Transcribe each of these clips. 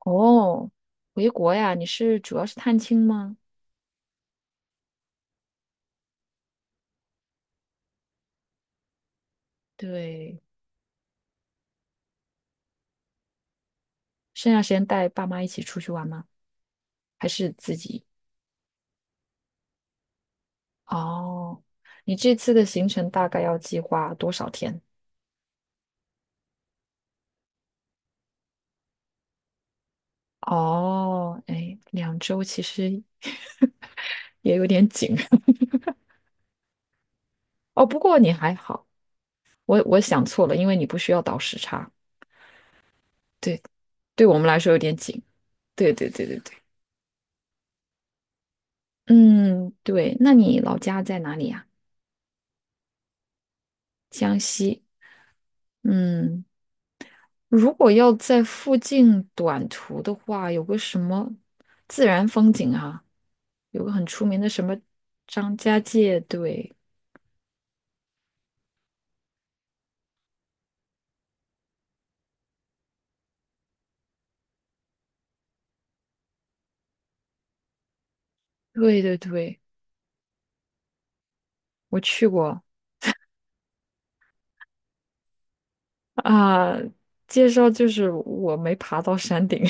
哦，回国呀？你是主要是探亲吗？对，剩下时间带爸妈一起出去玩吗？还是自己？哦，你这次的行程大概要计划多少天？哦，哎，两周其实 也有点紧 哦。不过你还好，我想错了，因为你不需要倒时差。对，对我们来说有点紧。对对对对对，嗯，对。那你老家在哪里呀？江西。嗯。如果要在附近短途的话，有个什么自然风景啊，有个很出名的什么张家界，对，对对对，我去过啊。介绍就是我没爬到山顶，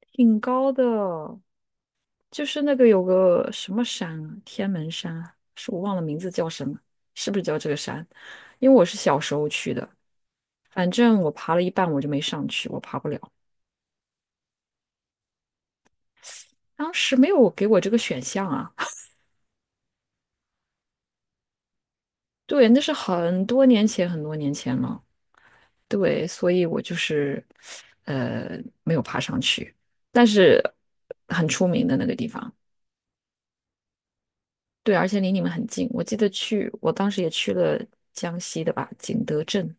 挺高的，就是那个有个什么山啊，天门山啊，是我忘了名字叫什么，是不是叫这个山？因为我是小时候去的，反正我爬了一半我就没上去，我爬不了。当时没有给我这个选项啊。对，那是很多年前，很多年前了。对，所以我就是没有爬上去，但是很出名的那个地方。对，而且离你们很近。我记得去，我当时也去了江西的吧，景德镇，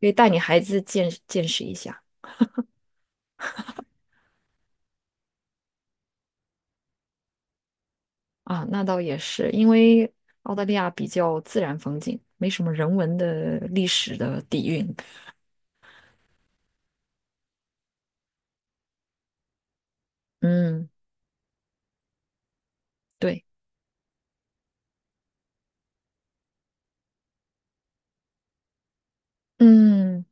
可以带你孩子见见识一下啊。那倒也是，因为澳大利亚比较自然风景，没什么人文的历史的底蕴。嗯，对，嗯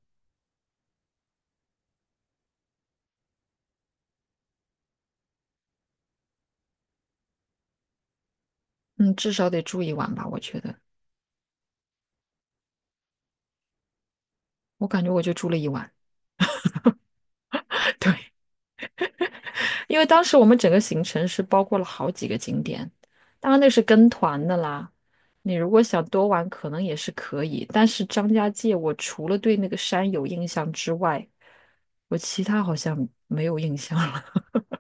嗯，至少得住一晚吧，我觉得。我感觉我就住了一晚。因为当时我们整个行程是包括了好几个景点，当然那是跟团的啦。你如果想多玩，可能也是可以。但是张家界，我除了对那个山有印象之外，我其他好像没有印象了，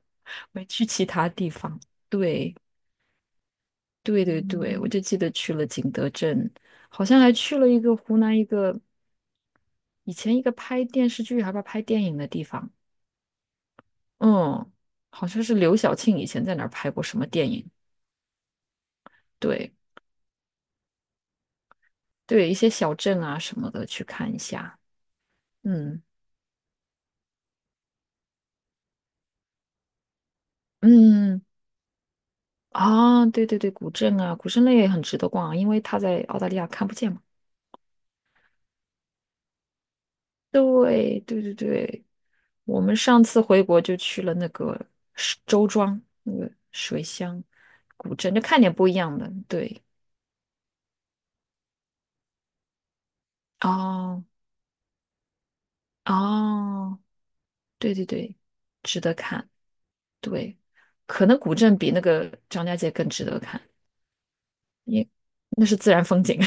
没去其他地方。对，对对对，我就记得去了景德镇，好像还去了一个湖南一个以前一个拍电视剧还不拍电影的地方，嗯，好像是刘晓庆以前在哪儿拍过什么电影。对，对，一些小镇啊什么的去看一下。嗯嗯，啊，对对对，古镇啊，古镇类也很值得逛啊因为它在澳大利亚看不见嘛。对对对对，我们上次回国就去了那个石周庄，那个水乡古镇，就看点不一样的。对，哦哦，对对对，值得看。对，可能古镇比那个张家界更值得看，因那是自然风景。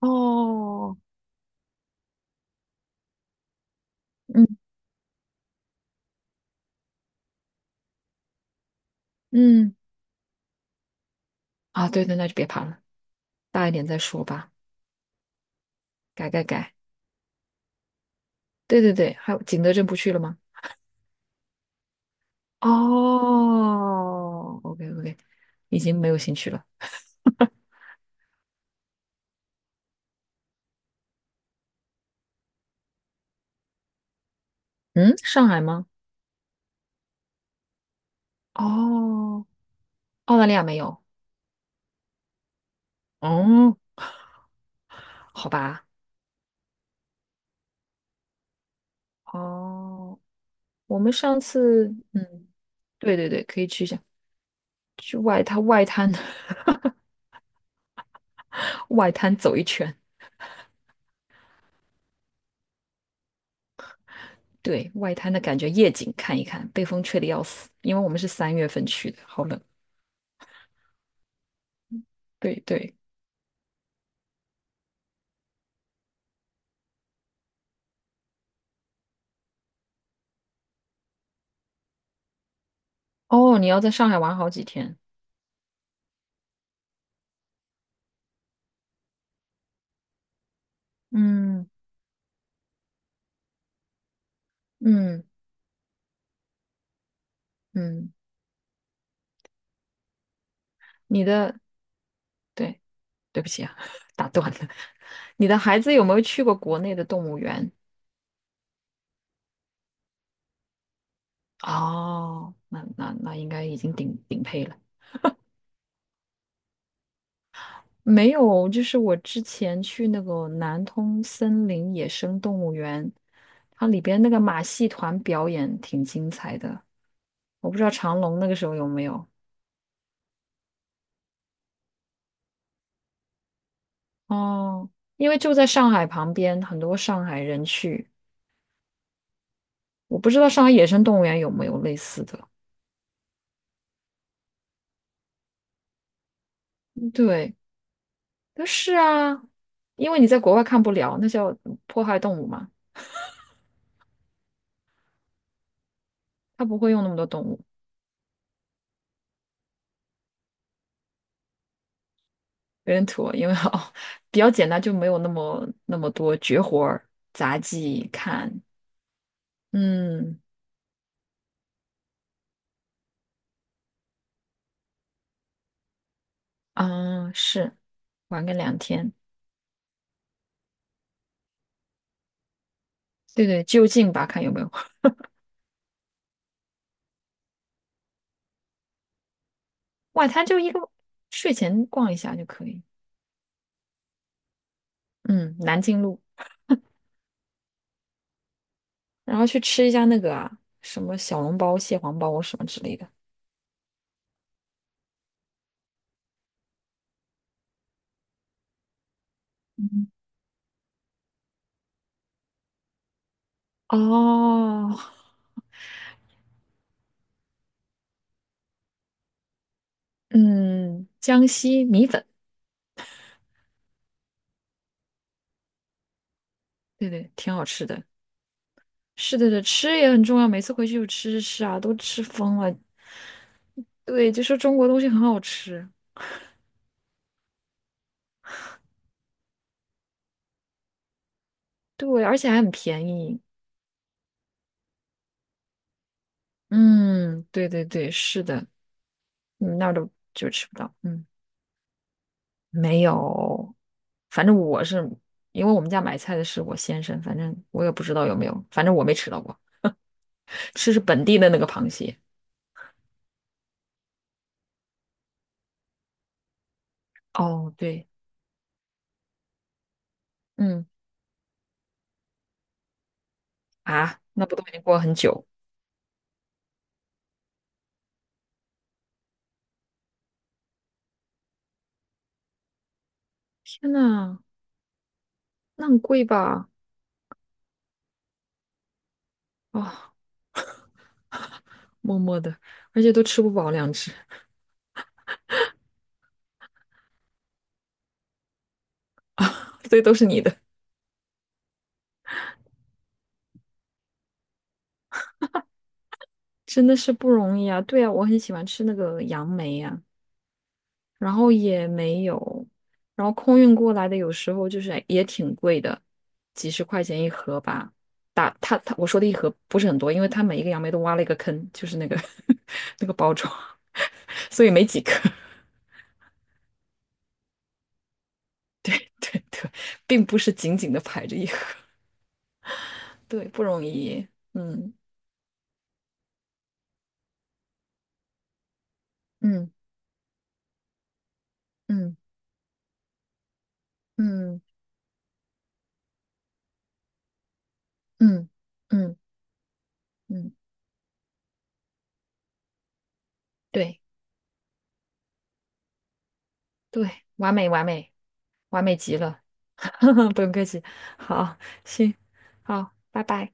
哦，嗯嗯。啊，对对，那就别爬了，大一点再说吧。改改改，对对对，还有景德镇不去了吗？哦，OK OK，已经没有兴趣了。嗯，上海吗？哦，澳大利亚没有。哦，好吧。哦，我们上次，嗯，对对对，可以去一下，去外滩外滩 外滩走一圈。对，外滩的感觉，夜景看一看，被风吹得要死，因为我们是三月份去的，好冷。对对。哦，你要在上海玩好几天。嗯嗯嗯，你的，对，对不起啊，打断了。你的孩子有没有去过国内的动物园？哦，那那那应该已经顶顶配了。没有，就是我之前去那个南通森林野生动物园，它里边那个马戏团表演挺精彩的。我不知道长隆那个时候有没有。哦，因为就在上海旁边，很多上海人去。我不知道上海野生动物园有没有类似的。对，但是啊，因为你在国外看不了，那叫迫害动物嘛，它不会用那么多动物，有点土，因为哦 比较简单，就没有那么多绝活儿、杂技看。嗯嗯，是玩个两天，对对，就近吧，看有没有。外滩就一个睡前逛一下就可以。嗯，南京路，然后去吃一下那个啊，什么小笼包、蟹黄包什么之类的。嗯哦，嗯，江西米粉。对对，挺好吃的。是的，对，吃也很重要。每次回去就吃吃吃啊，都吃疯了。对，就说中国东西很好吃，对，而且还很便宜。嗯，对对对，是的，嗯，那儿都就吃不到。嗯，没有，反正我是因为我们家买菜的是我先生，反正我也不知道有没有，反正我没吃到过。吃是本地的那个螃蟹。哦，对，嗯啊，那不都已经过了很久？天呐，那很贵吧？哦，默默的，而且都吃不饱两只，所以都是你的，真的是不容易啊。对啊，我很喜欢吃那个杨梅呀、然后也没有，然后空运过来的有时候就是也挺贵的，几十块钱一盒吧。打他他我说的一盒不是很多，因为他每一个杨梅都挖了一个坑，就是那个 那个包装，所以没几颗。对对，并不是紧紧的排着一盒，对，不容易。嗯嗯嗯嗯嗯嗯嗯。对对，完美完美完美极了，不用客气。好，行，好，拜拜。